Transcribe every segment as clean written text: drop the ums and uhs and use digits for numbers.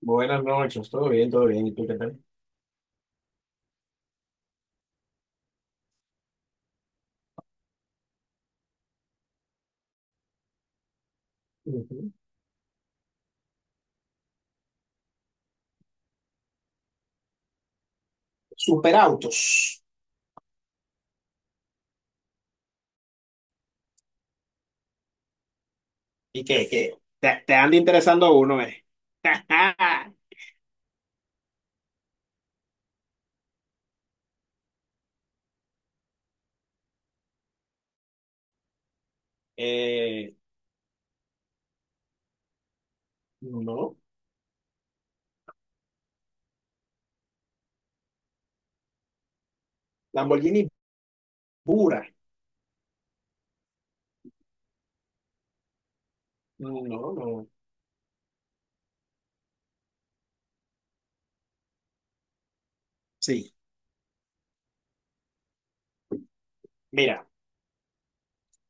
Buenas noches, todo bien, todo bien. ¿Y tú qué tal? Ujú. Superautos. ¿Y qué, qué? Te anda interesando uno, ¿eh? Eh, no, Lamborghini pura. No, no. Sí. Mira,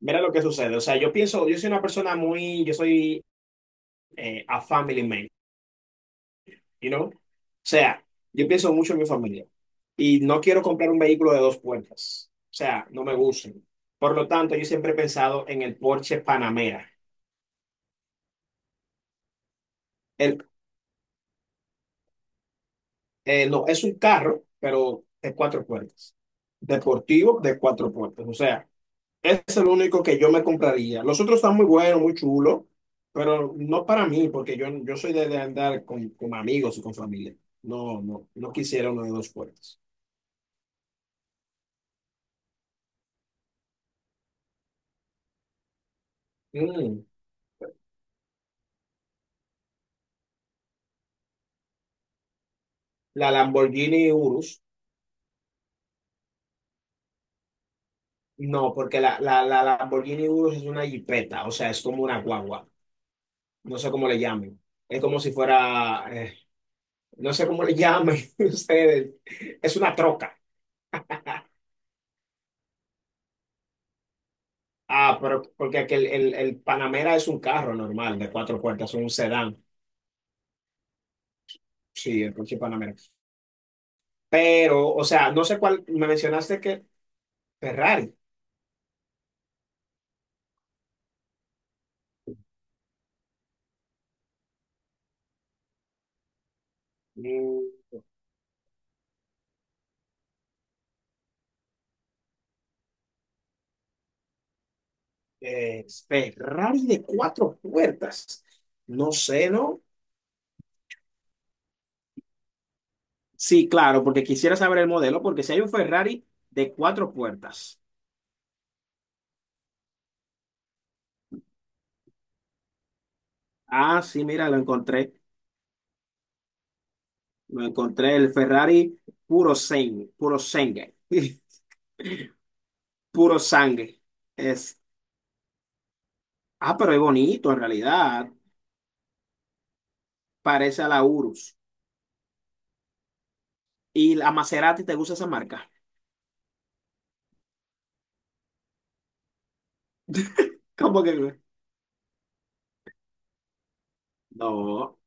mira lo que sucede. O sea, yo pienso, yo soy una persona muy, yo soy a family man, you know? O sea, yo pienso mucho en mi familia y no quiero comprar un vehículo de dos puertas. O sea, no me gustan. Por lo tanto, yo siempre he pensado en el Porsche Panamera. El no, es un carro, pero de cuatro puertas. Deportivo de cuatro puertas. O sea, ese es el único que yo me compraría. Los otros están muy buenos, muy chulos, pero no para mí, porque yo soy de andar con amigos y con familia. No, no, no quisiera uno de dos puertas. Mm, la Lamborghini Urus. No, porque la Lamborghini Urus es una jipeta, o sea, es como una guagua. No sé cómo le llamen. Es como si fuera, no sé cómo le llamen ustedes. Es una troca. Ah, pero porque aquel, el Panamera es un carro normal de cuatro puertas, un sedán. Sí, el coche Panamera. Pero, o sea, no sé cuál, me mencionaste que Ferrari. Mm, Ferrari de cuatro puertas. No sé, ¿no? Sí, claro, porque quisiera saber el modelo, porque si hay un Ferrari de cuatro puertas. Ah, sí, mira, lo encontré. Lo encontré, el Ferrari puro sangue, puro sangue. Es, ah, pero es bonito en realidad. Parece a la Urus. ¿Y la Maserati te gusta esa marca? ¿Cómo que? No,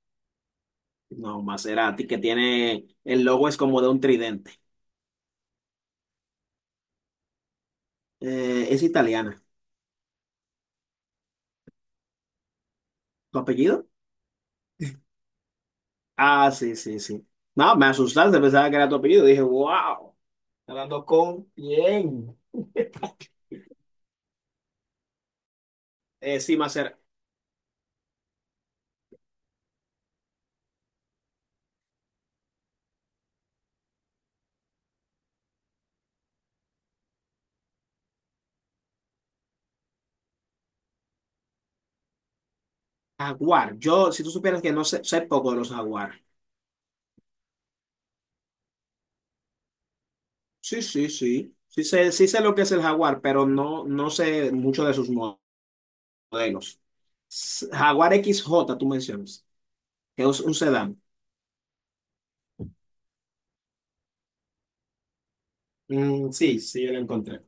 no, Maserati, que tiene, el logo es como de un tridente. Es italiana. ¿Tu apellido? Ah, sí, sí, sí. No, me asustaste, pensaba que era tu apellido. Dije, wow, hablando con bien. Sí, Maserati. Jaguar. Yo, si tú supieras que no sé, sé poco de los jaguar. Sí, sí, sí. Sí sé lo que es el jaguar, pero no, no sé mucho de sus modelos. S- Jaguar XJ, tú mencionas, que es un sedán. Mm, sí, sí, yo lo encontré.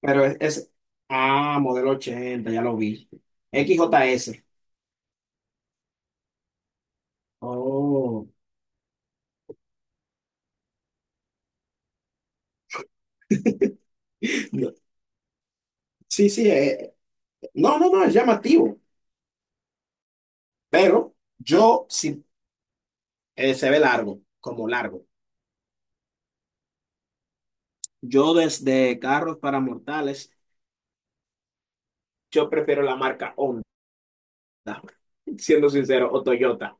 Pero es- ah, modelo 80, ya lo vi. XJS. Oh. No, sí, sí, no, no, no, es llamativo, pero yo sí, se ve largo, como largo. Yo desde carros para mortales, yo prefiero la marca Honda, siendo sincero, o Toyota.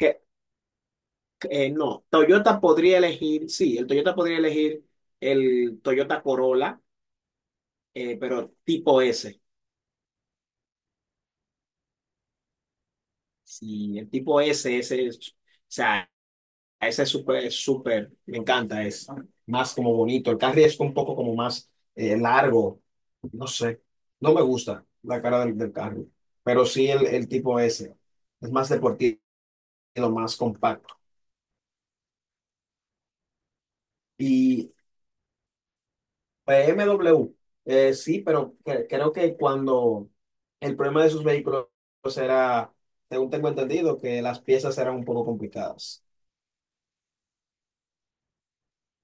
Que eh, no, Toyota podría elegir, sí, el Toyota podría elegir el Toyota Corolla, pero tipo S. Sí, el tipo S, ese es, o sea, ese es súper, me encanta, es más como bonito. El carry es un poco como más largo, no sé, no me gusta la cara del carro, pero sí el tipo S, es más deportivo, más compacto. Y B M W, sí, pero cre- creo que cuando el problema de sus vehículos era, según tengo entendido, que las piezas eran un poco complicadas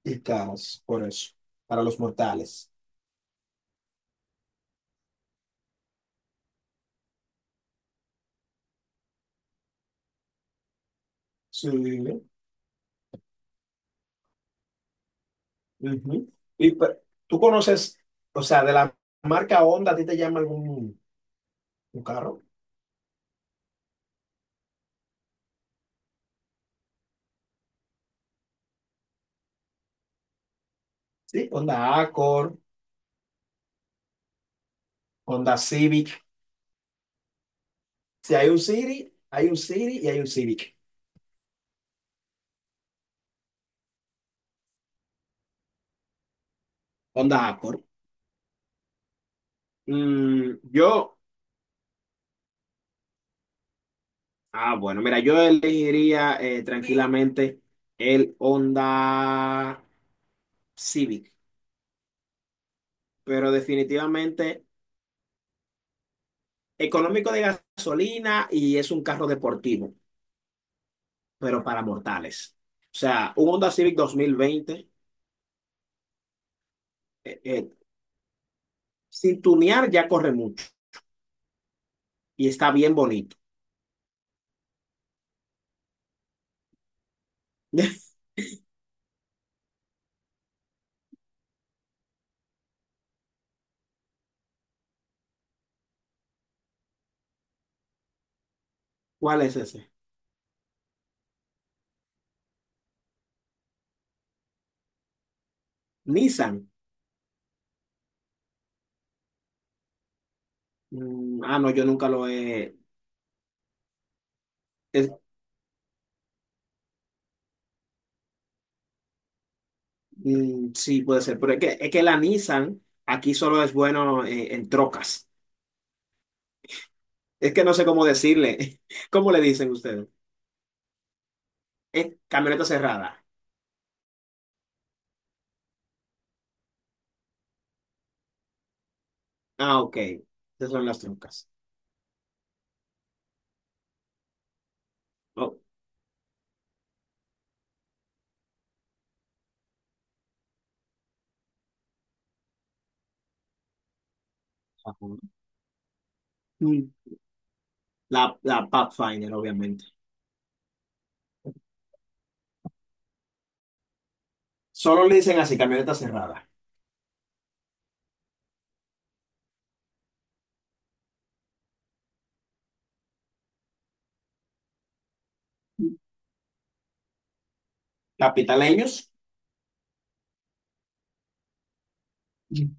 y caras, por eso, para los mortales. Sí. Ujú. Y pe- tú conoces, o sea, de la marca Honda, ¿a ti te llama algún un carro? Sí, Honda Accord, Honda Civic. Si hay un City, hay un City y hay un Civic. Honda Accord. Mm, yo. Ah, bueno, mira, yo elegiría tranquilamente el Honda Civic, pero definitivamente económico de gasolina y es un carro deportivo, pero para mortales. O sea, un Honda Civic 2020, eh, eh, sin tunear ya corre mucho y está bien bonito. ¿Cuál es ese? Nissan. Mm, ah, no, yo nunca lo he... Es- mm, sí, puede ser, pero es que la Nissan aquí solo es bueno en trocas. Es que no sé cómo decirle. ¿Cómo le dicen ustedes? Es camioneta cerrada. Ah, ok. Esas son las trucas. Oh, ajá. Mm. La, la Pathfinder, obviamente. Solo le dicen así, camioneta cerrada. Mm. Capitaleños. Mm.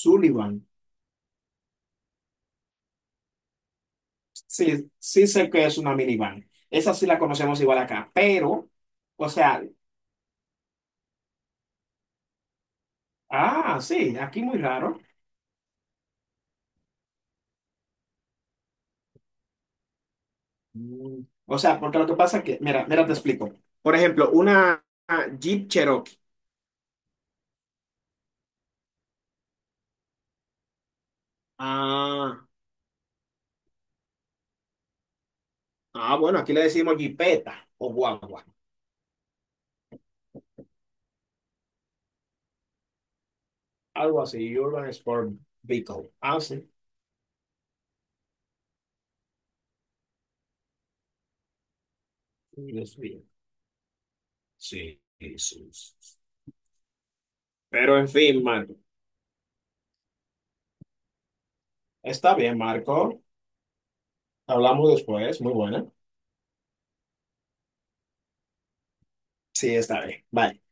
Sullivan. Sí, sí sé que es una minivan. Esa sí la conocemos igual acá, pero, o sea, ah, sí, aquí muy raro. Mm. O sea, porque lo que pasa es que, mira, mira, te explico. Por ejemplo, una Jeep Cherokee. Ah. Ah, bueno, aquí le decimos jipeta o guagua. Algo así, Urban Sport Vehicle. Ah, sí. Sí, Dios mío. Sí, sí, sí. Pero en fin, Marco. Está bien, Marco. Hablamos después. Muy buena. Sí, está bien. Bye.